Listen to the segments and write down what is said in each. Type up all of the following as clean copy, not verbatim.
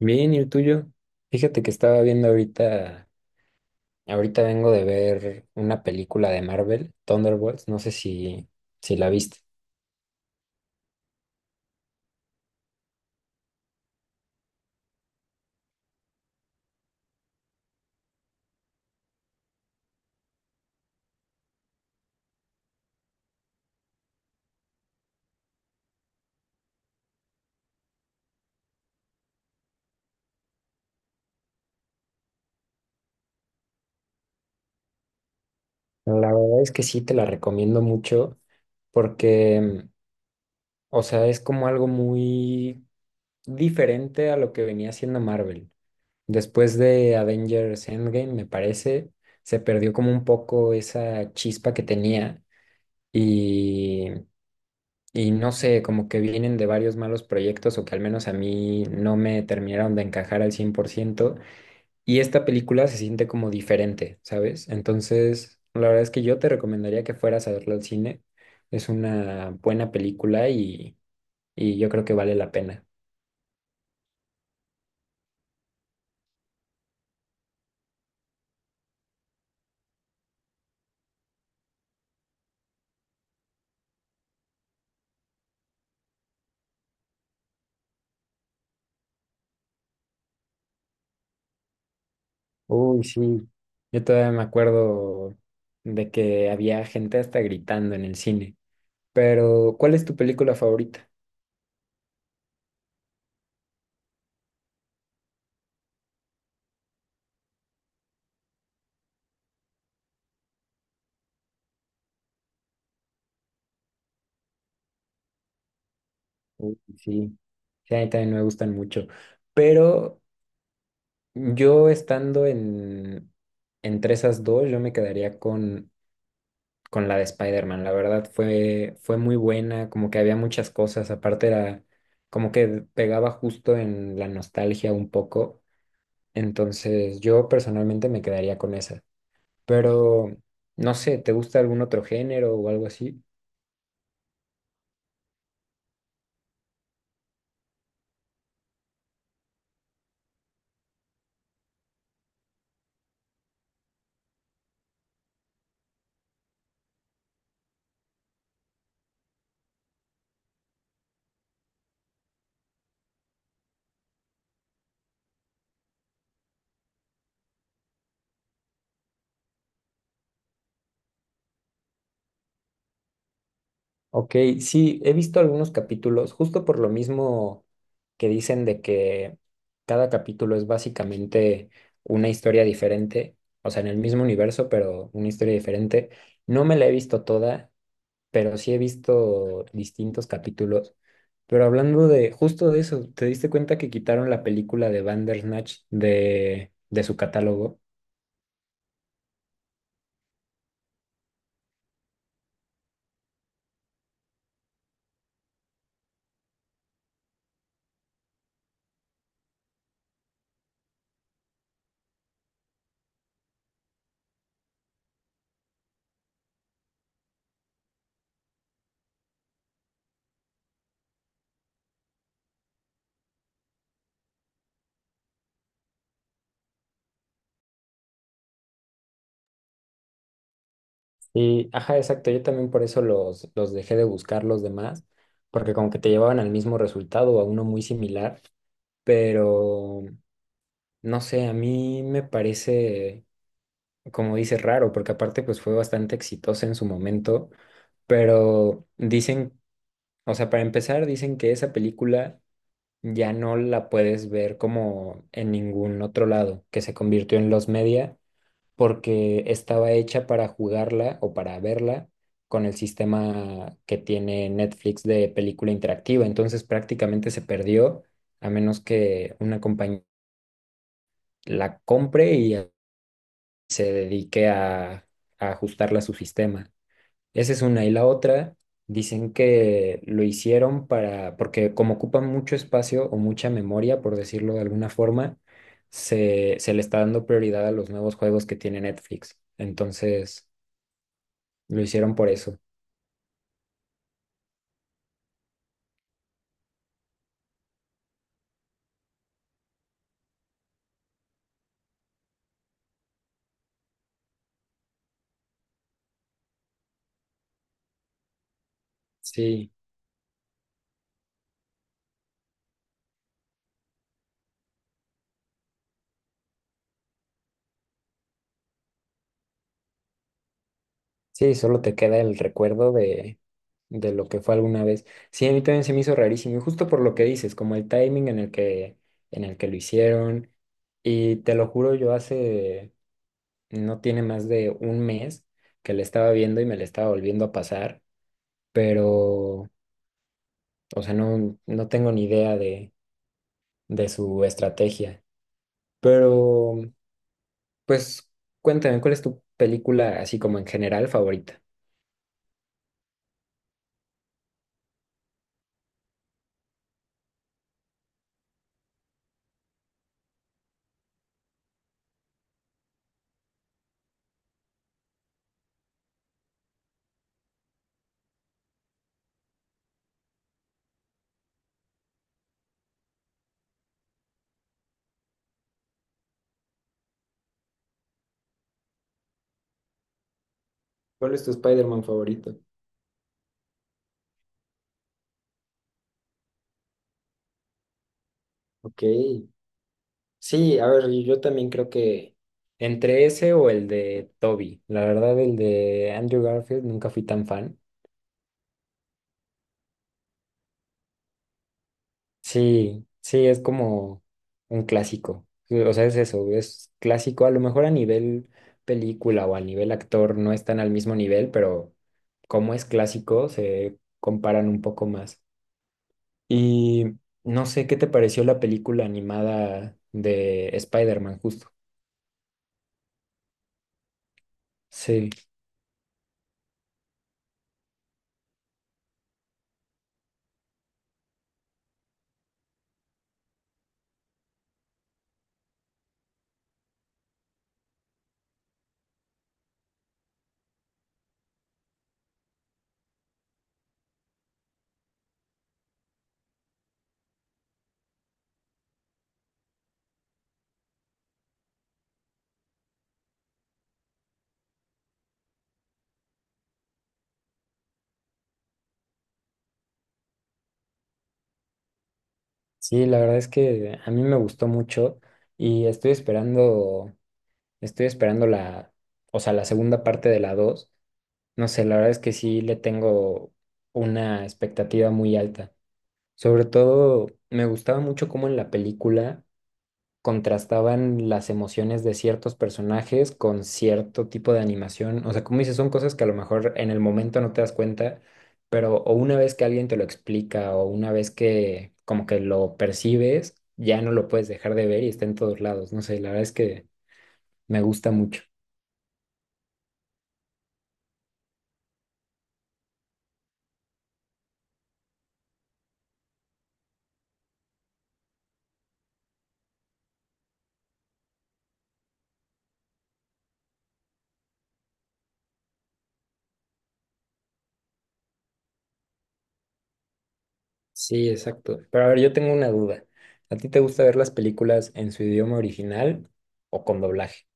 Bien, ¿y el tuyo? Fíjate que estaba viendo ahorita vengo de ver una película de Marvel, Thunderbolts. No sé si la viste. La verdad es que sí, te la recomiendo mucho porque, o sea, es como algo muy diferente a lo que venía haciendo Marvel. Después de Avengers Endgame, me parece, se perdió como un poco esa chispa que tenía. Y Y no sé, como que vienen de varios malos proyectos o que al menos a mí no me terminaron de encajar al 100%. Y esta película se siente como diferente, ¿sabes? Entonces, la verdad es que yo te recomendaría que fueras a verla al cine. Es una buena película y yo creo que vale la pena. Uy, sí. Yo todavía me acuerdo de que había gente hasta gritando en el cine. Pero, ¿cuál es tu película favorita? Uy, sí. Sí, a mí también me gustan mucho. Pero yo estando entre esas dos, yo me quedaría con la de Spider-Man. La verdad fue muy buena, como que había muchas cosas, aparte era como que pegaba justo en la nostalgia un poco. Entonces yo personalmente me quedaría con esa. Pero no sé, ¿te gusta algún otro género o algo así? Ok, sí, he visto algunos capítulos, justo por lo mismo que dicen de que cada capítulo es básicamente una historia diferente, o sea, en el mismo universo, pero una historia diferente. No me la he visto toda, pero sí he visto distintos capítulos. Pero hablando de justo de eso, ¿te diste cuenta que quitaron la película de Bandersnatch de su catálogo? Y, ajá, exacto. Yo también por eso los dejé de buscar los demás, porque como que te llevaban al mismo resultado o a uno muy similar, pero no sé, a mí me parece, como dices, raro, porque aparte pues fue bastante exitosa en su momento, pero dicen, o sea, para empezar, dicen que esa película ya no la puedes ver como en ningún otro lado, que se convirtió en los media porque estaba hecha para jugarla o para verla con el sistema que tiene Netflix de película interactiva. Entonces prácticamente se perdió a menos que una compañía la compre y se dedique a ajustarla a su sistema. Esa es una. Y la otra, dicen que lo hicieron para, porque como ocupa mucho espacio o mucha memoria, por decirlo de alguna forma, se le está dando prioridad a los nuevos juegos que tiene Netflix. Entonces, lo hicieron por eso. Sí, sí, solo te queda el recuerdo de lo que fue alguna vez. Sí, a mí también se me hizo rarísimo, y justo por lo que dices, como el timing en el que lo hicieron. Y te lo juro, yo hace, no tiene más de un mes que le estaba viendo y me le estaba volviendo a pasar, pero, o sea, no, no tengo ni idea de su estrategia. Pero, pues, cuéntame, ¿cuál es tu película así como en general favorita? ¿Cuál es tu Spider-Man favorito? Ok. Sí, a ver, yo también creo que entre ese o el de Toby. La verdad, el de Andrew Garfield nunca fui tan fan. Sí, sí, es como un clásico. Sí. O sea, es eso, es clásico. A lo mejor a nivel película o a nivel actor no están al mismo nivel, pero como es clásico, se comparan un poco más. Y no sé, ¿qué te pareció la película animada de Spider-Man justo? Sí. Sí, la verdad es que a mí me gustó mucho y estoy esperando la, o sea, la segunda parte de la dos. No sé, la verdad es que sí le tengo una expectativa muy alta. Sobre todo, me gustaba mucho cómo en la película contrastaban las emociones de ciertos personajes con cierto tipo de animación. O sea, como dices, son cosas que a lo mejor en el momento no te das cuenta, pero o una vez que alguien te lo explica o una vez que como que lo percibes, ya no lo puedes dejar de ver y está en todos lados. No sé, la verdad es que me gusta mucho. Sí, exacto. Pero a ver, yo tengo una duda. ¿A ti te gusta ver las películas en su idioma original o con doblaje?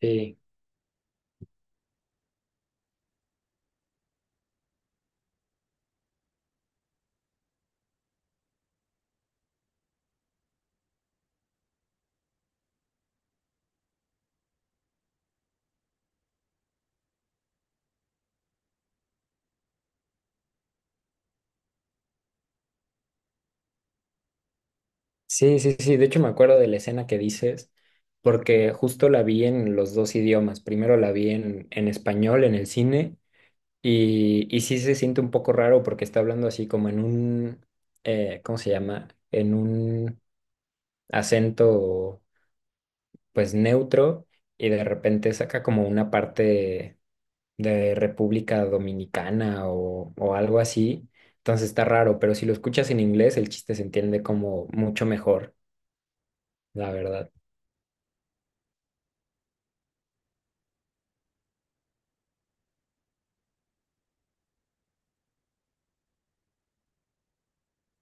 Sí. Sí, sí, sí. De hecho, me acuerdo de la escena que dices, porque justo la vi en los dos idiomas. Primero la vi en español, en el cine, y sí se siente un poco raro porque está hablando así como en un, ¿cómo se llama? En un acento pues neutro y de repente saca como una parte de República Dominicana o algo así. Entonces está raro, pero si lo escuchas en inglés, el chiste se entiende como mucho mejor, la verdad.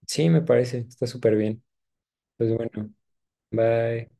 Sí, me parece, está súper bien. Pues bueno, bye.